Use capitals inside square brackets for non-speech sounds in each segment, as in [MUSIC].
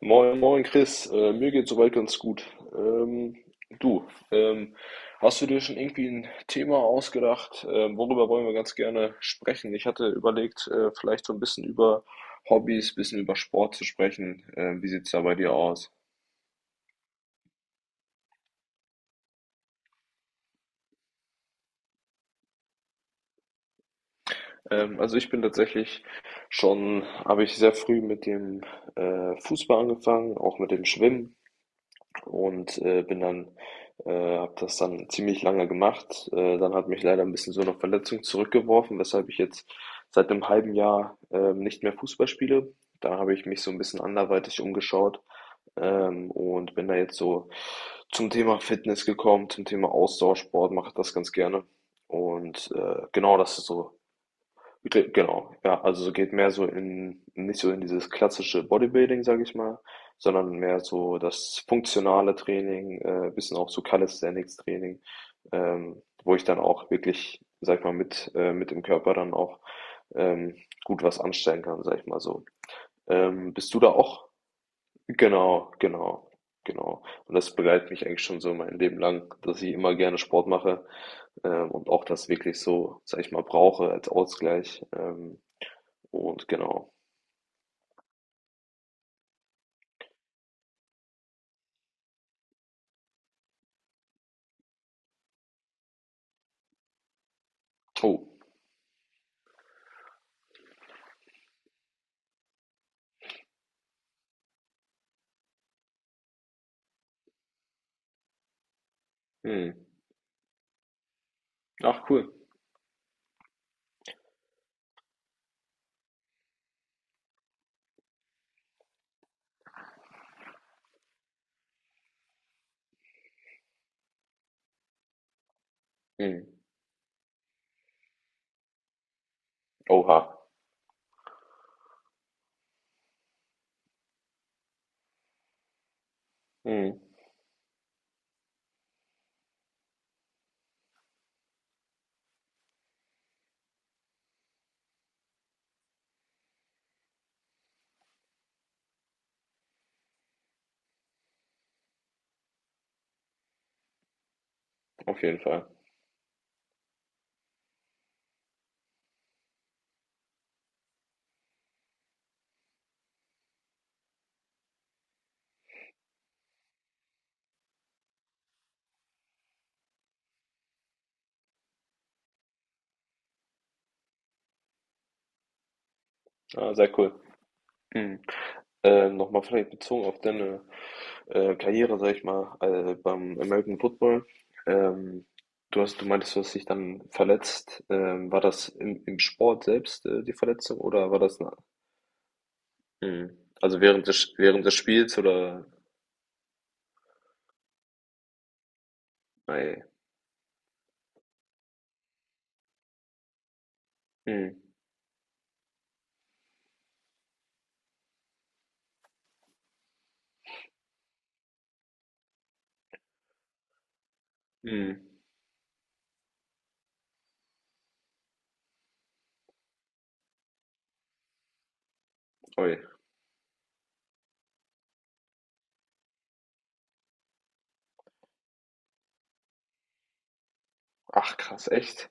Moin, moin Chris, mir geht soweit ganz gut. Ähm, du, ähm, hast du dir schon irgendwie ein Thema ausgedacht? Worüber wollen wir ganz gerne sprechen? Ich hatte überlegt, vielleicht so ein bisschen über Hobbys, bisschen über Sport zu sprechen. Wie sieht's da bei dir aus? Also ich bin tatsächlich habe ich sehr früh mit dem Fußball angefangen, auch mit dem Schwimmen. Und habe das dann ziemlich lange gemacht. Dann hat mich leider ein bisschen so eine Verletzung zurückgeworfen, weshalb ich jetzt seit einem halben Jahr nicht mehr Fußball spiele. Da habe ich mich so ein bisschen anderweitig umgeschaut, und bin da jetzt so zum Thema Fitness gekommen, zum Thema Ausdauersport, mache das ganz gerne. Und genau, das ist so. Ge genau, ja. Also, so geht mehr so in, nicht so in dieses klassische Bodybuilding, sage ich mal, sondern mehr so das funktionale Training, bisschen auch so Calisthenics-Training, wo ich dann auch wirklich, sage ich mal, mit dem Körper dann auch, ähm, gut was anstellen kann, sage ich mal so. Bist du da auch genau, genau, genau. Und das begleitet mich eigentlich schon so mein Leben lang, dass ich immer gerne Sport mache, und auch das wirklich so, sage ich mal, brauche als Ausgleich. Und genau. Oh. Mhm. Ach, cool. Mhm. Oha. Mhm. Auf jeden Fall. Ah, sehr cool. Mhm. Nochmal vielleicht bezogen auf deine Karriere, sag ich mal, beim American Football. Ähm, du meintest, du hast dich dann verletzt. War das im, im Sport selbst, die Verletzung oder war das na-? Mhm. Also während des Spiels oder? Ei. Mhm. Mhm. Ui. Ach krass, echt?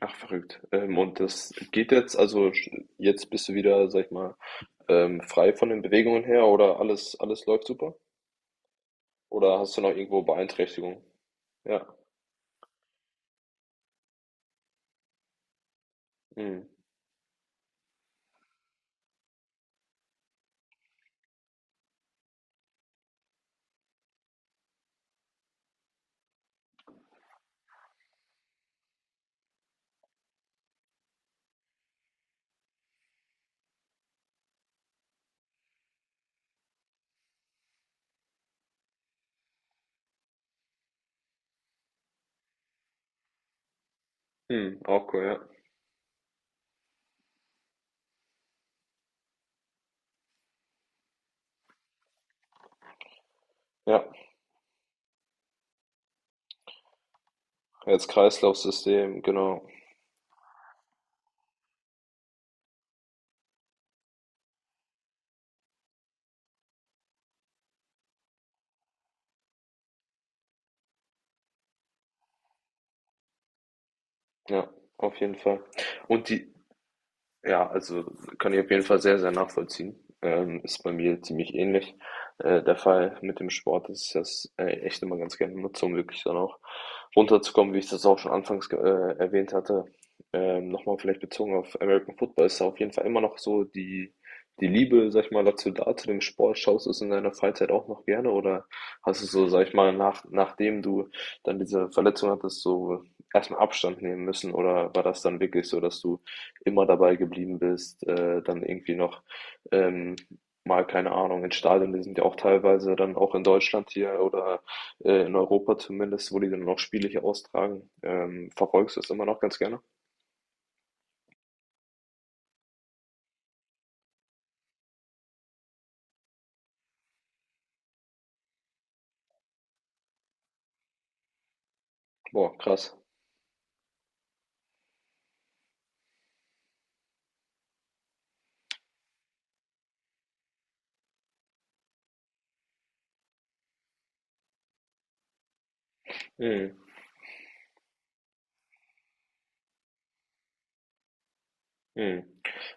Ach, verrückt. Und das geht jetzt, also sch- jetzt bist du wieder, sag ich mal, frei von den Bewegungen her oder alles, alles läuft super? Oder hast du noch irgendwo Beeinträchtigungen? Ja. Hm. Hm, auch cool, ja. Ja, Herz-Kreislauf-System, genau. Ja, auf jeden Fall. Und die, ja, also kann ich auf jeden Fall sehr, sehr nachvollziehen. Ist bei mir ziemlich ähnlich. Der Fall mit dem Sport ist das, echt immer ganz gerne nutze, um wirklich dann auch runterzukommen, wie ich das auch schon anfangs erwähnt hatte. Nochmal vielleicht bezogen auf American Football, ist da auf jeden Fall immer noch so die, die Liebe, sag ich mal, dazu da, zu dem Sport. Schaust du es in deiner Freizeit auch noch gerne oder hast du so, sag ich mal, nachdem du dann diese Verletzung hattest, so erstmal Abstand nehmen müssen oder war das dann wirklich so, dass du immer dabei geblieben bist, dann irgendwie noch ähm, mal, keine Ahnung, in Stadien, die sind ja auch teilweise dann auch in Deutschland hier oder in Europa zumindest, wo die dann auch Spiele hier austragen. Verfolgst du es immer noch ganz gerne? Boah, krass. Mhm. Hm.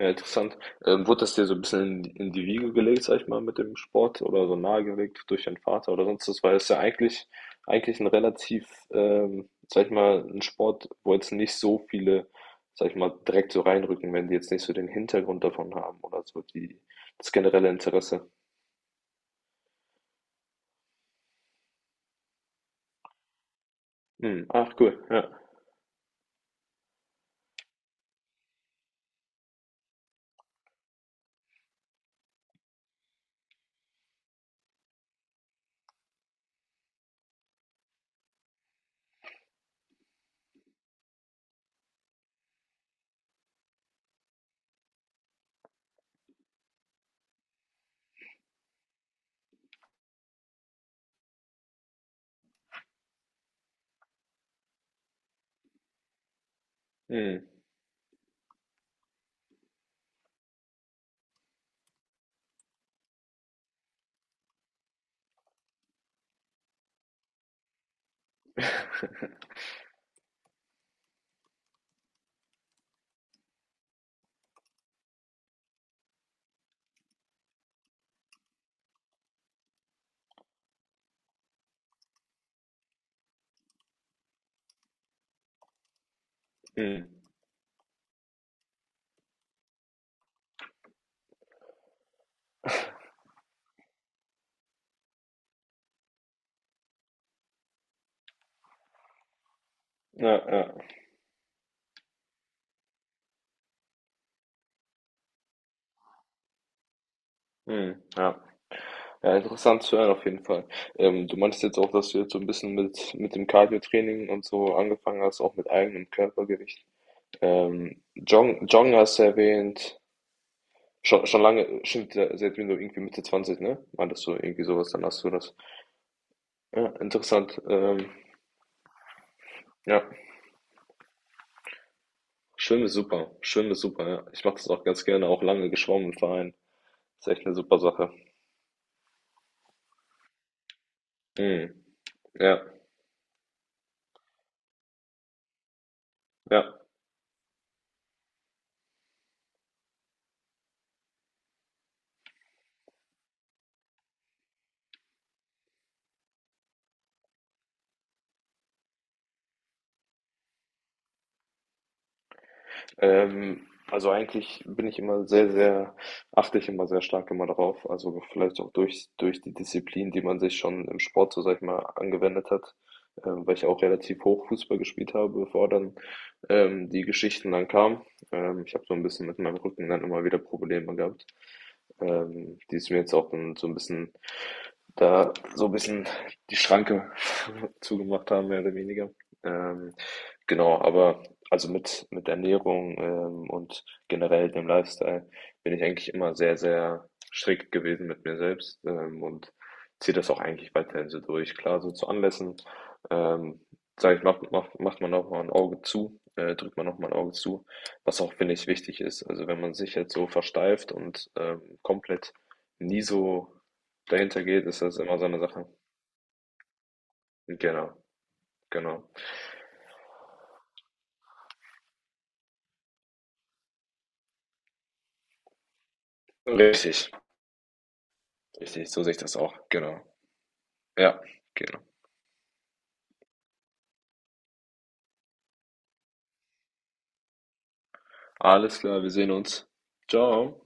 Ja, interessant. Wurde das dir so ein bisschen in die Wiege gelegt, sag ich mal, mit dem Sport oder so nahegelegt durch deinen Vater oder sonst was? Weil es ja eigentlich ein relativ, sag ich mal, ein Sport, wo jetzt nicht so viele, sag ich mal, direkt so reinrücken, wenn die jetzt nicht so den Hintergrund davon haben oder so die, das generelle Interesse. Hm. Ach, cool. Ja. Hm. Hm. Ja, ja. Hm. Ja. Ja, interessant zu hören auf jeden Fall. Du meintest jetzt auch, dass du jetzt so ein bisschen mit dem Cardio-Training und so angefangen hast, auch mit eigenem Körpergewicht. Jong hast du erwähnt, schon lange, schon seit du irgendwie Mitte Zwanzig, ne? Meintest du irgendwie sowas, dann hast du das. Ja, interessant. Ja, Schwimmen ist super. Schwimmen ist super, ja. Ich mache das auch ganz gerne, auch lange geschwommen im Verein. Ist echt eine super Sache. Hm. Ja, ja. Also eigentlich bin ich immer sehr, sehr, achte ich immer sehr stark immer darauf. Also vielleicht auch durch, durch die Disziplin, die man sich schon im Sport, so sag ich mal, angewendet hat, weil ich auch relativ hoch Fußball gespielt habe, bevor dann die Geschichten dann kamen. Ich habe so ein bisschen mit meinem Rücken dann immer wieder Probleme gehabt. Die es mir jetzt auch dann so ein bisschen da so ein bisschen die Schranke [LAUGHS] zugemacht haben, mehr oder weniger. Ähm, genau, aber also mit Ernährung, und generell dem Lifestyle bin ich eigentlich immer sehr, sehr strikt gewesen mit mir selbst, und ziehe das auch eigentlich weiterhin so durch. Klar, so zu Anlässen, ähm, sage ich, macht man auch mal ein Auge zu, drückt man auch mal ein Auge zu, was auch, finde ich, wichtig ist. Also wenn man sich jetzt so versteift und komplett nie so dahinter geht, ist das immer so eine Sache. Genau, genau. Richtig, richtig, so sehe ich das auch. Genau, ja, genau. Alles klar, wir sehen uns. Ciao.